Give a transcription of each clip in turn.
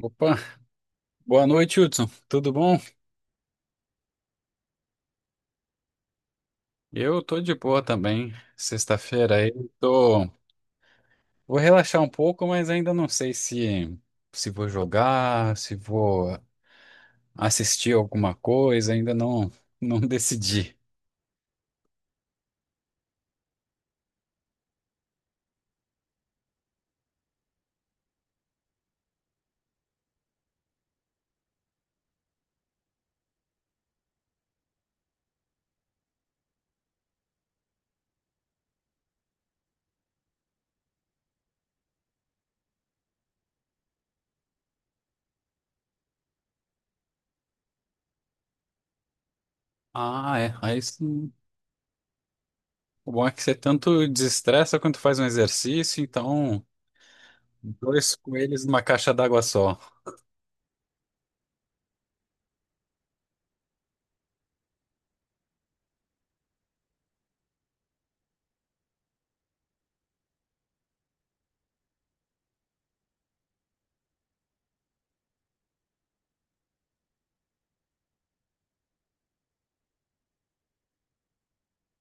Opa, boa noite, Hudson. Tudo bom? Eu tô de boa também. Sexta-feira aí, tô. Vou relaxar um pouco, mas ainda não sei se vou jogar, se vou assistir alguma coisa, ainda não não decidi. Ah, é. Aí sim. O bom é que você tanto desestressa quanto faz um exercício, então dois coelhos numa caixa d'água só.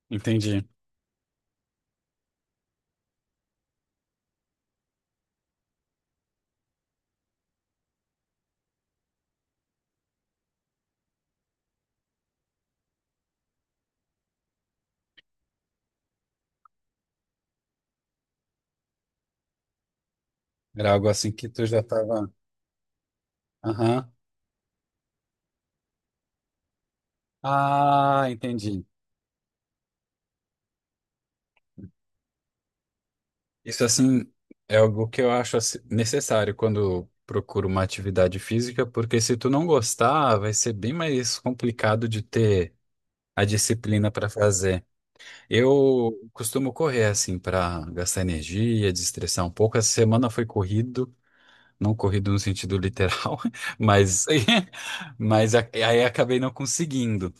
Entendi. Era algo assim que tu já tava. Aham. Ah, entendi. Isso, assim, é algo que eu acho assim, necessário quando procuro uma atividade física, porque se tu não gostar, vai ser bem mais complicado de ter a disciplina para fazer. Eu costumo correr, assim, para gastar energia, desestressar um pouco. Essa semana foi corrido, não corrido no sentido literal, mas, mas aí acabei não conseguindo.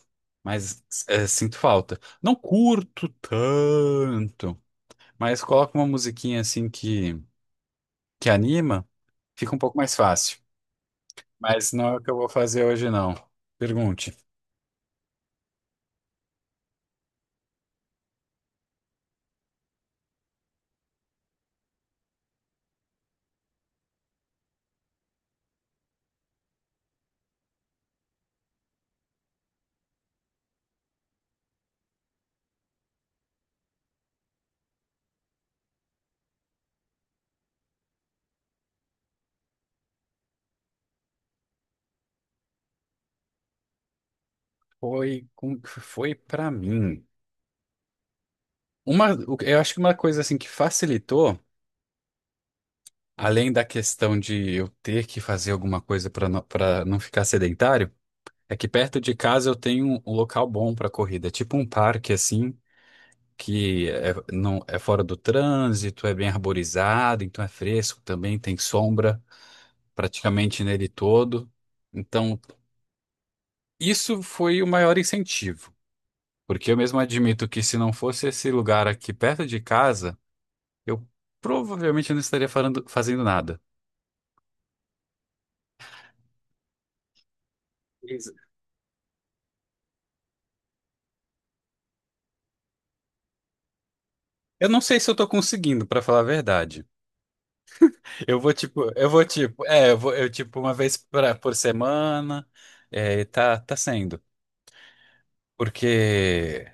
Mas é, sinto falta. Não curto tanto, mas coloco uma musiquinha assim que anima, fica um pouco mais fácil. Mas não é o que eu vou fazer hoje, não. Pergunte. Foi para mim. Uma, eu acho que uma coisa assim que facilitou, além da questão de eu ter que fazer alguma coisa para não ficar sedentário, é que perto de casa eu tenho um local bom para corrida, tipo um parque assim, que é, não é fora do trânsito, é bem arborizado, então é fresco também, tem sombra praticamente nele todo. Então isso foi o maior incentivo, porque eu mesmo admito que se não fosse esse lugar aqui perto de casa, eu provavelmente não estaria fazendo nada. Isso. Eu não sei se eu tô conseguindo, pra falar a verdade. Eu vou tipo, é, eu vou, eu tipo uma vez por semana, é, tá sendo. Porque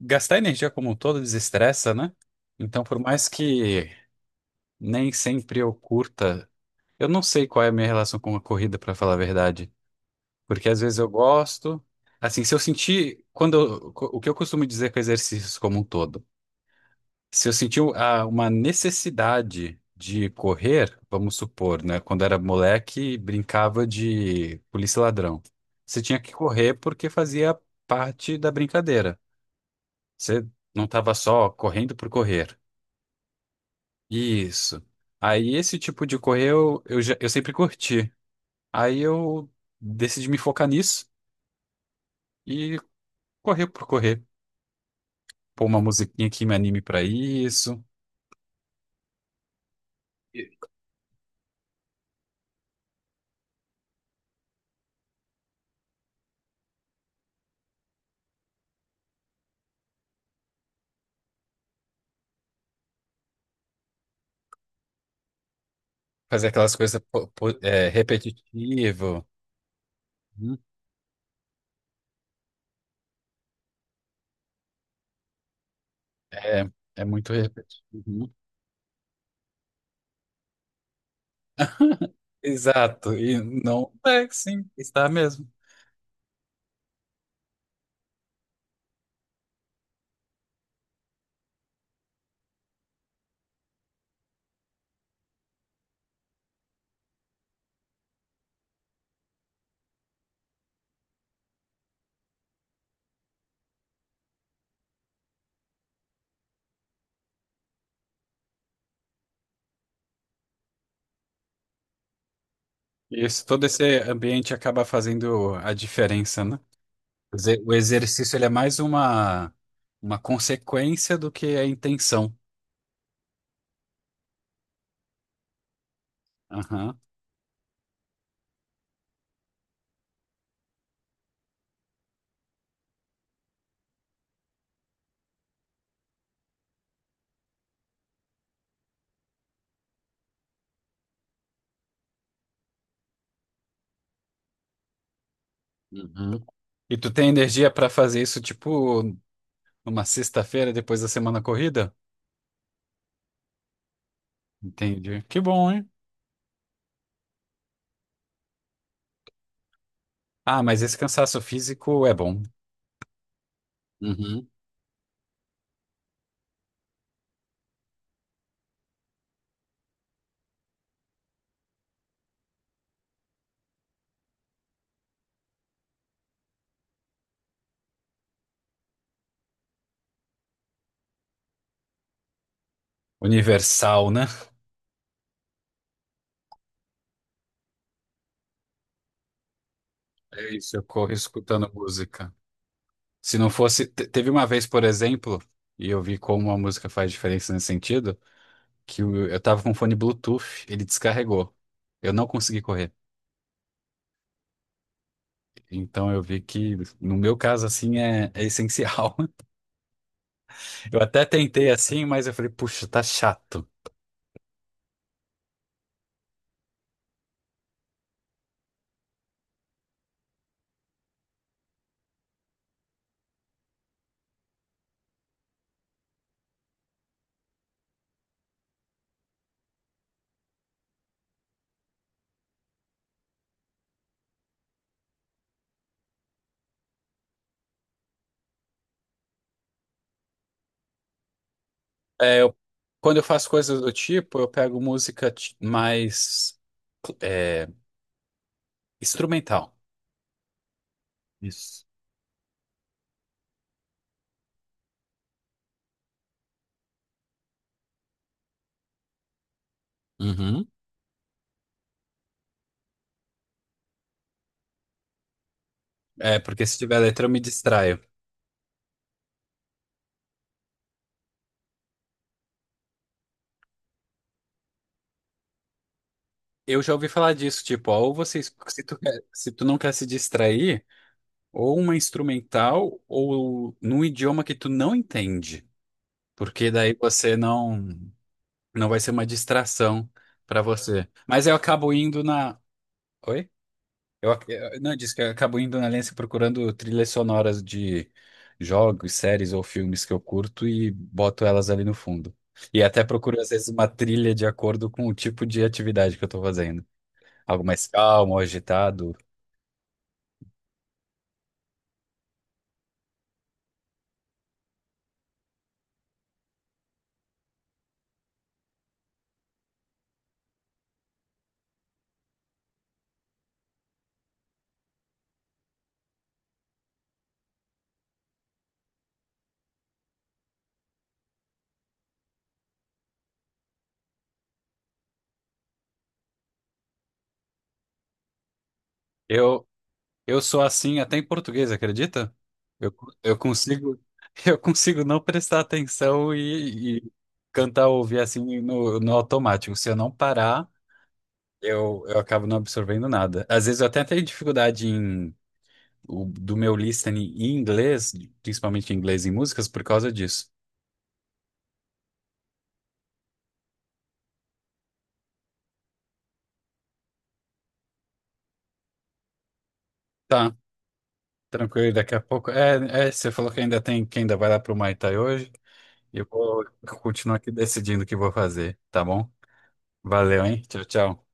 gastar energia como um todo desestressa, né? Então, por mais que nem sempre eu curta, eu não sei qual é a minha relação com a corrida, pra falar a verdade. Porque às vezes eu gosto. Assim, se eu sentir. O que eu costumo dizer com exercícios como um todo? Se eu sentir uma necessidade de correr, vamos supor, né? Quando era moleque, brincava de polícia e ladrão. Você tinha que correr porque fazia parte da brincadeira. Você não estava só correndo por correr. Isso. Aí esse tipo de correr eu sempre curti. Aí eu decidi me focar nisso e correr por correr. Pôr uma musiquinha que me anime pra isso, fazer aquelas coisas repetitivo. Uhum. É, é muito repetitivo. Uhum. Exato, e não é, sim, está mesmo. Isso, todo esse ambiente acaba fazendo a diferença, né? Quer dizer, o exercício ele é mais uma consequência do que a intenção. Aham. Uhum. E tu tem energia para fazer isso, tipo, numa sexta-feira depois da semana corrida? Entendi. Que bom, hein? Ah, mas esse cansaço físico é bom. Uhum. Universal, né? É isso, eu corro escutando música. Se não fosse. Te- Teve uma vez, por exemplo, e eu vi como a música faz diferença nesse sentido, eu tava com fone Bluetooth, ele descarregou. Eu não consegui correr. Então eu vi que, no meu caso, assim, é, é essencial. Eu até tentei assim, mas eu falei, puxa, tá chato. É, eu- quando eu faço coisas do tipo, eu pego música é, instrumental. Isso. Uhum. É, porque se tiver letra eu me distraio. Eu já ouvi falar disso, tipo, ó, se tu se tu não quer se distrair, ou uma instrumental, ou num idioma que tu não entende, porque daí você não, não vai ser uma distração pra você. Mas eu acabo indo na... Oi? Não, eu disse que eu acabo indo na Aliança procurando trilhas sonoras de jogos, séries ou filmes que eu curto e boto elas ali no fundo. E até procuro, às vezes, uma trilha de acordo com o tipo de atividade que eu estou fazendo. Algo mais calmo, ou agitado. Eu, eu sou assim até em português, acredita? Eu, eu consigo, eu consigo não prestar atenção e cantar ou ouvir assim no automático. Se eu não parar. Eu acabo não absorvendo nada. Às vezes eu até tenho dificuldade em, do meu listening em inglês, principalmente em inglês e músicas, por causa disso. Tá, tranquilo, daqui a pouco. Você falou que ainda tem, que ainda vai lá pro Muay Thai hoje. Eu vou continuar aqui decidindo o que vou fazer, tá bom? Valeu, hein? Tchau, tchau.